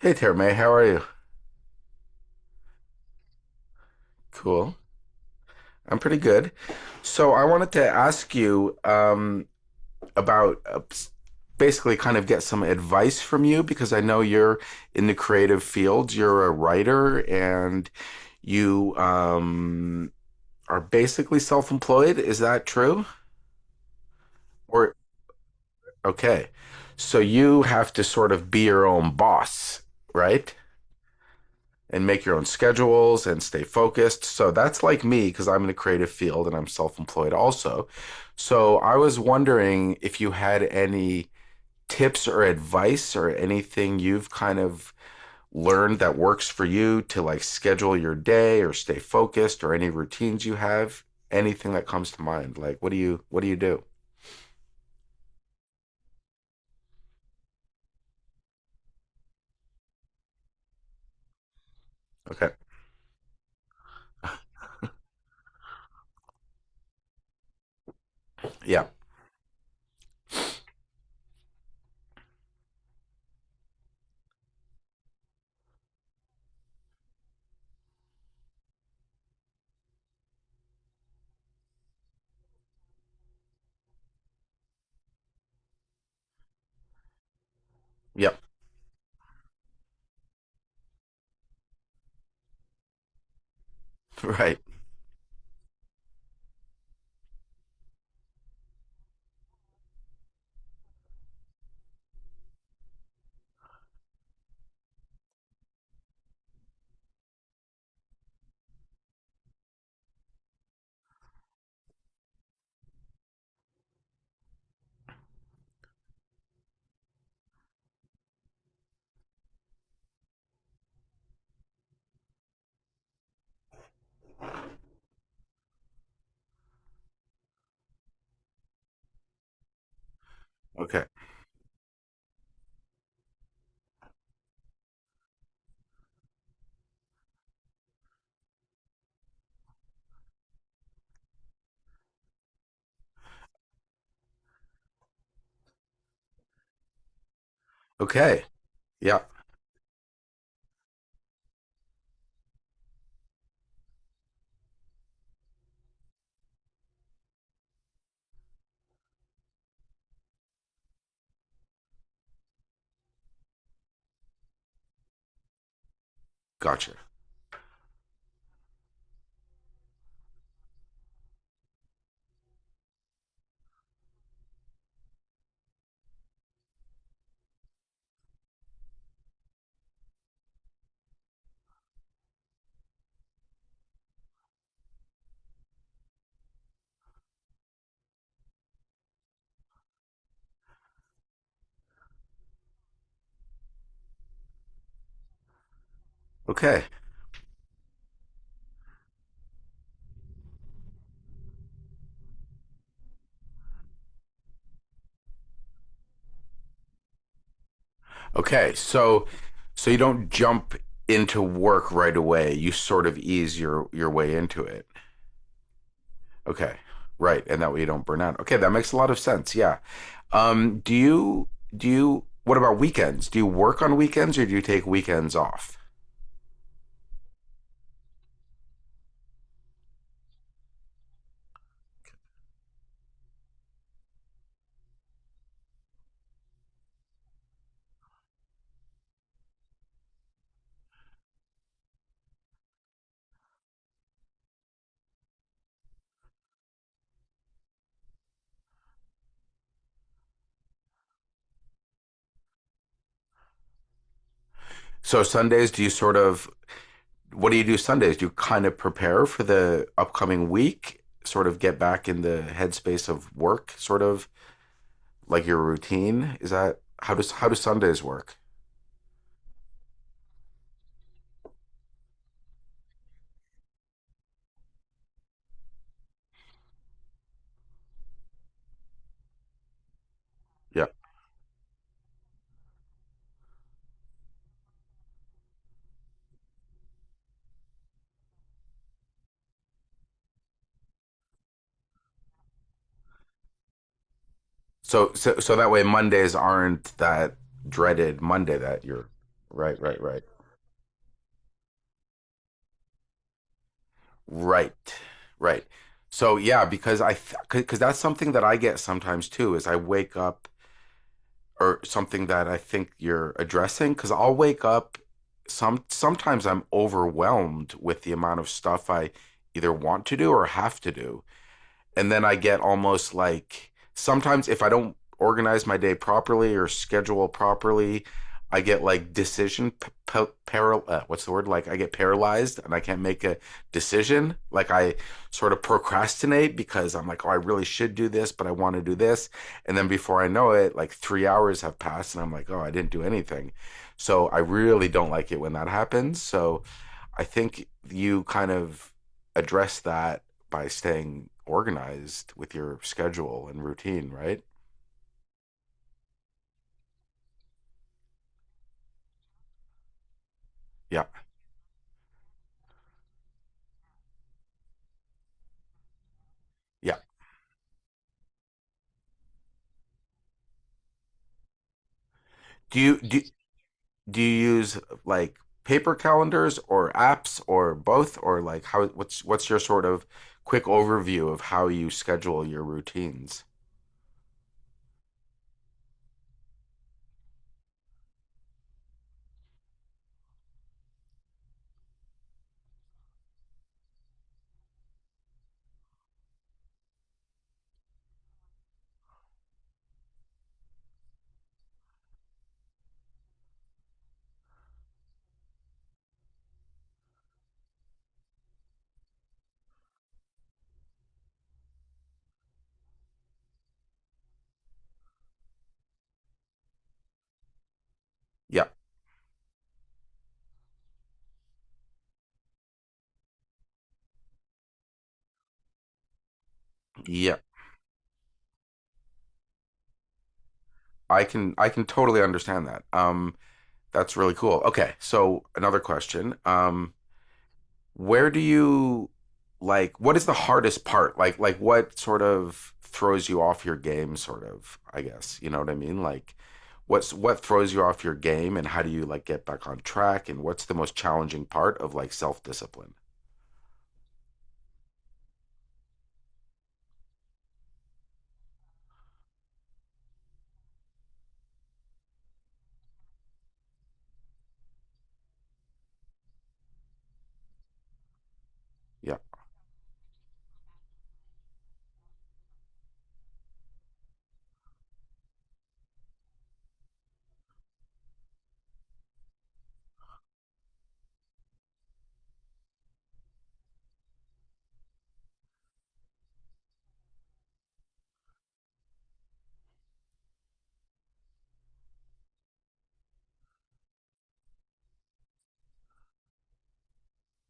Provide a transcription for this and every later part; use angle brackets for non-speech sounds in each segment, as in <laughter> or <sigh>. Hey, Terme, how are you? Cool. I'm pretty good. So I wanted to ask you about basically kind of get some advice from you because I know you're in the creative field. You're a writer and you are basically self-employed. Is that true? Or okay. So you have to sort of be your own boss, right? And make your own schedules and stay focused. So that's like me because I'm in a creative field and I'm self employed also. So I was wondering if you had any tips or advice or anything you've kind of learned that works for you to like schedule your day or stay focused or any routines you have, anything that comes to mind. Like what do you do? Okay. Yeah. Yep. <laughs> Right. Okay. Okay. Yeah. Gotcha. Okay. Okay, so you don't jump into work right away. You sort of ease your way into it. Okay. Right, and that way you don't burn out. Okay, that makes a lot of sense. Yeah. Um do you do you what about weekends? Do you work on weekends or do you take weekends off? So Sundays, do you sort of, what do you do Sundays? Do you kind of prepare for the upcoming week? Sort of get back in the headspace of work, sort of like your routine. Is that, how does, how do Sundays work? Yeah. So that way Mondays aren't that dreaded Monday that you're, right right right right right. So yeah, because I, because that's something that I get sometimes too. Is I wake up, or something that I think you're addressing, because I'll wake up sometimes I'm overwhelmed with the amount of stuff I either want to do or have to do, and then I get almost like, sometimes if I don't organize my day properly or schedule properly, I get like decision what's the word, like I get paralyzed and I can't make a decision. Like I sort of procrastinate because I'm like, oh, I really should do this, but I want to do this, and then before I know it, like 3 hours have passed, and I'm like, oh, I didn't do anything. So I really don't like it when that happens. So I think you kind of address that by staying organized with your schedule and routine, right? Yeah. Yeah. Do you do do you use like paper calendars or apps or both, or like how, what's your sort of quick overview of how you schedule your routines? Yeah. Yeah. I can totally understand that. That's really cool. Okay, so another question. Where do you, like what is the hardest part? Like what sort of throws you off your game sort of, I guess. You know what I mean? Like what's, what throws you off your game and how do you like get back on track, and what's the most challenging part of like self-discipline? Yeah.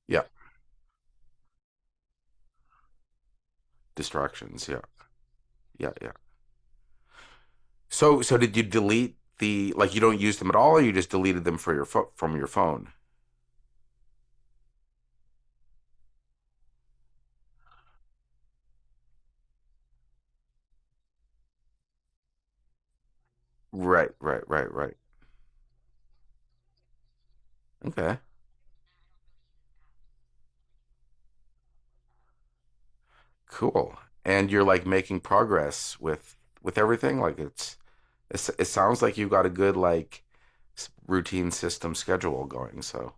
Yeah. Distractions. Yeah. Yeah, yeah. So did you delete the, like you don't use them at all, or you just deleted them for your from your phone? Right, right, right, right. Okay. Cool. And you're like making progress with everything, like it's, it sounds like you've got a good like routine system schedule going. So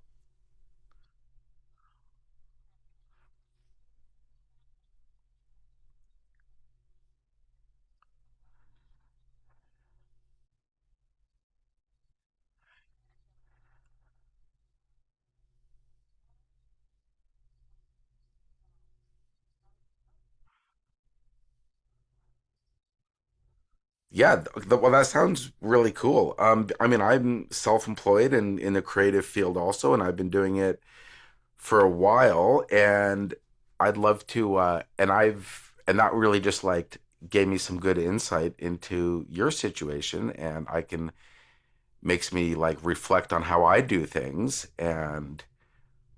yeah, well that sounds really cool. I mean, I'm self-employed and in the creative field also, and I've been doing it for a while, and I'd love to. And that really just like gave me some good insight into your situation, and I can, makes me like reflect on how I do things, and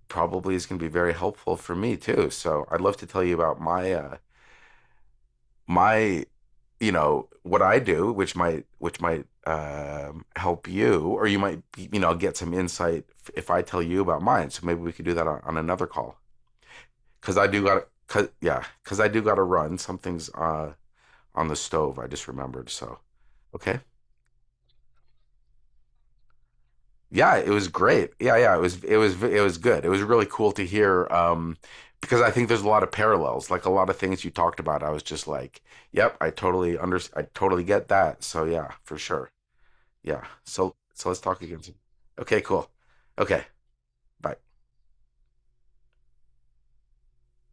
probably is going to be very helpful for me too. So I'd love to tell you about my my you know what I do, which might help you, or you might you know get some insight if I tell you about mine. So maybe we could do that on another call because I do got, cause yeah because I do got to run. Something's on the stove. I just remembered. So okay. Yeah, it was great. Yeah, yeah, it was good. It was really cool to hear because I think there's a lot of parallels. Like a lot of things you talked about, I was just like, "Yep, I totally get that." So yeah, for sure. Yeah. So let's talk again soon. Okay, cool. Okay, bye.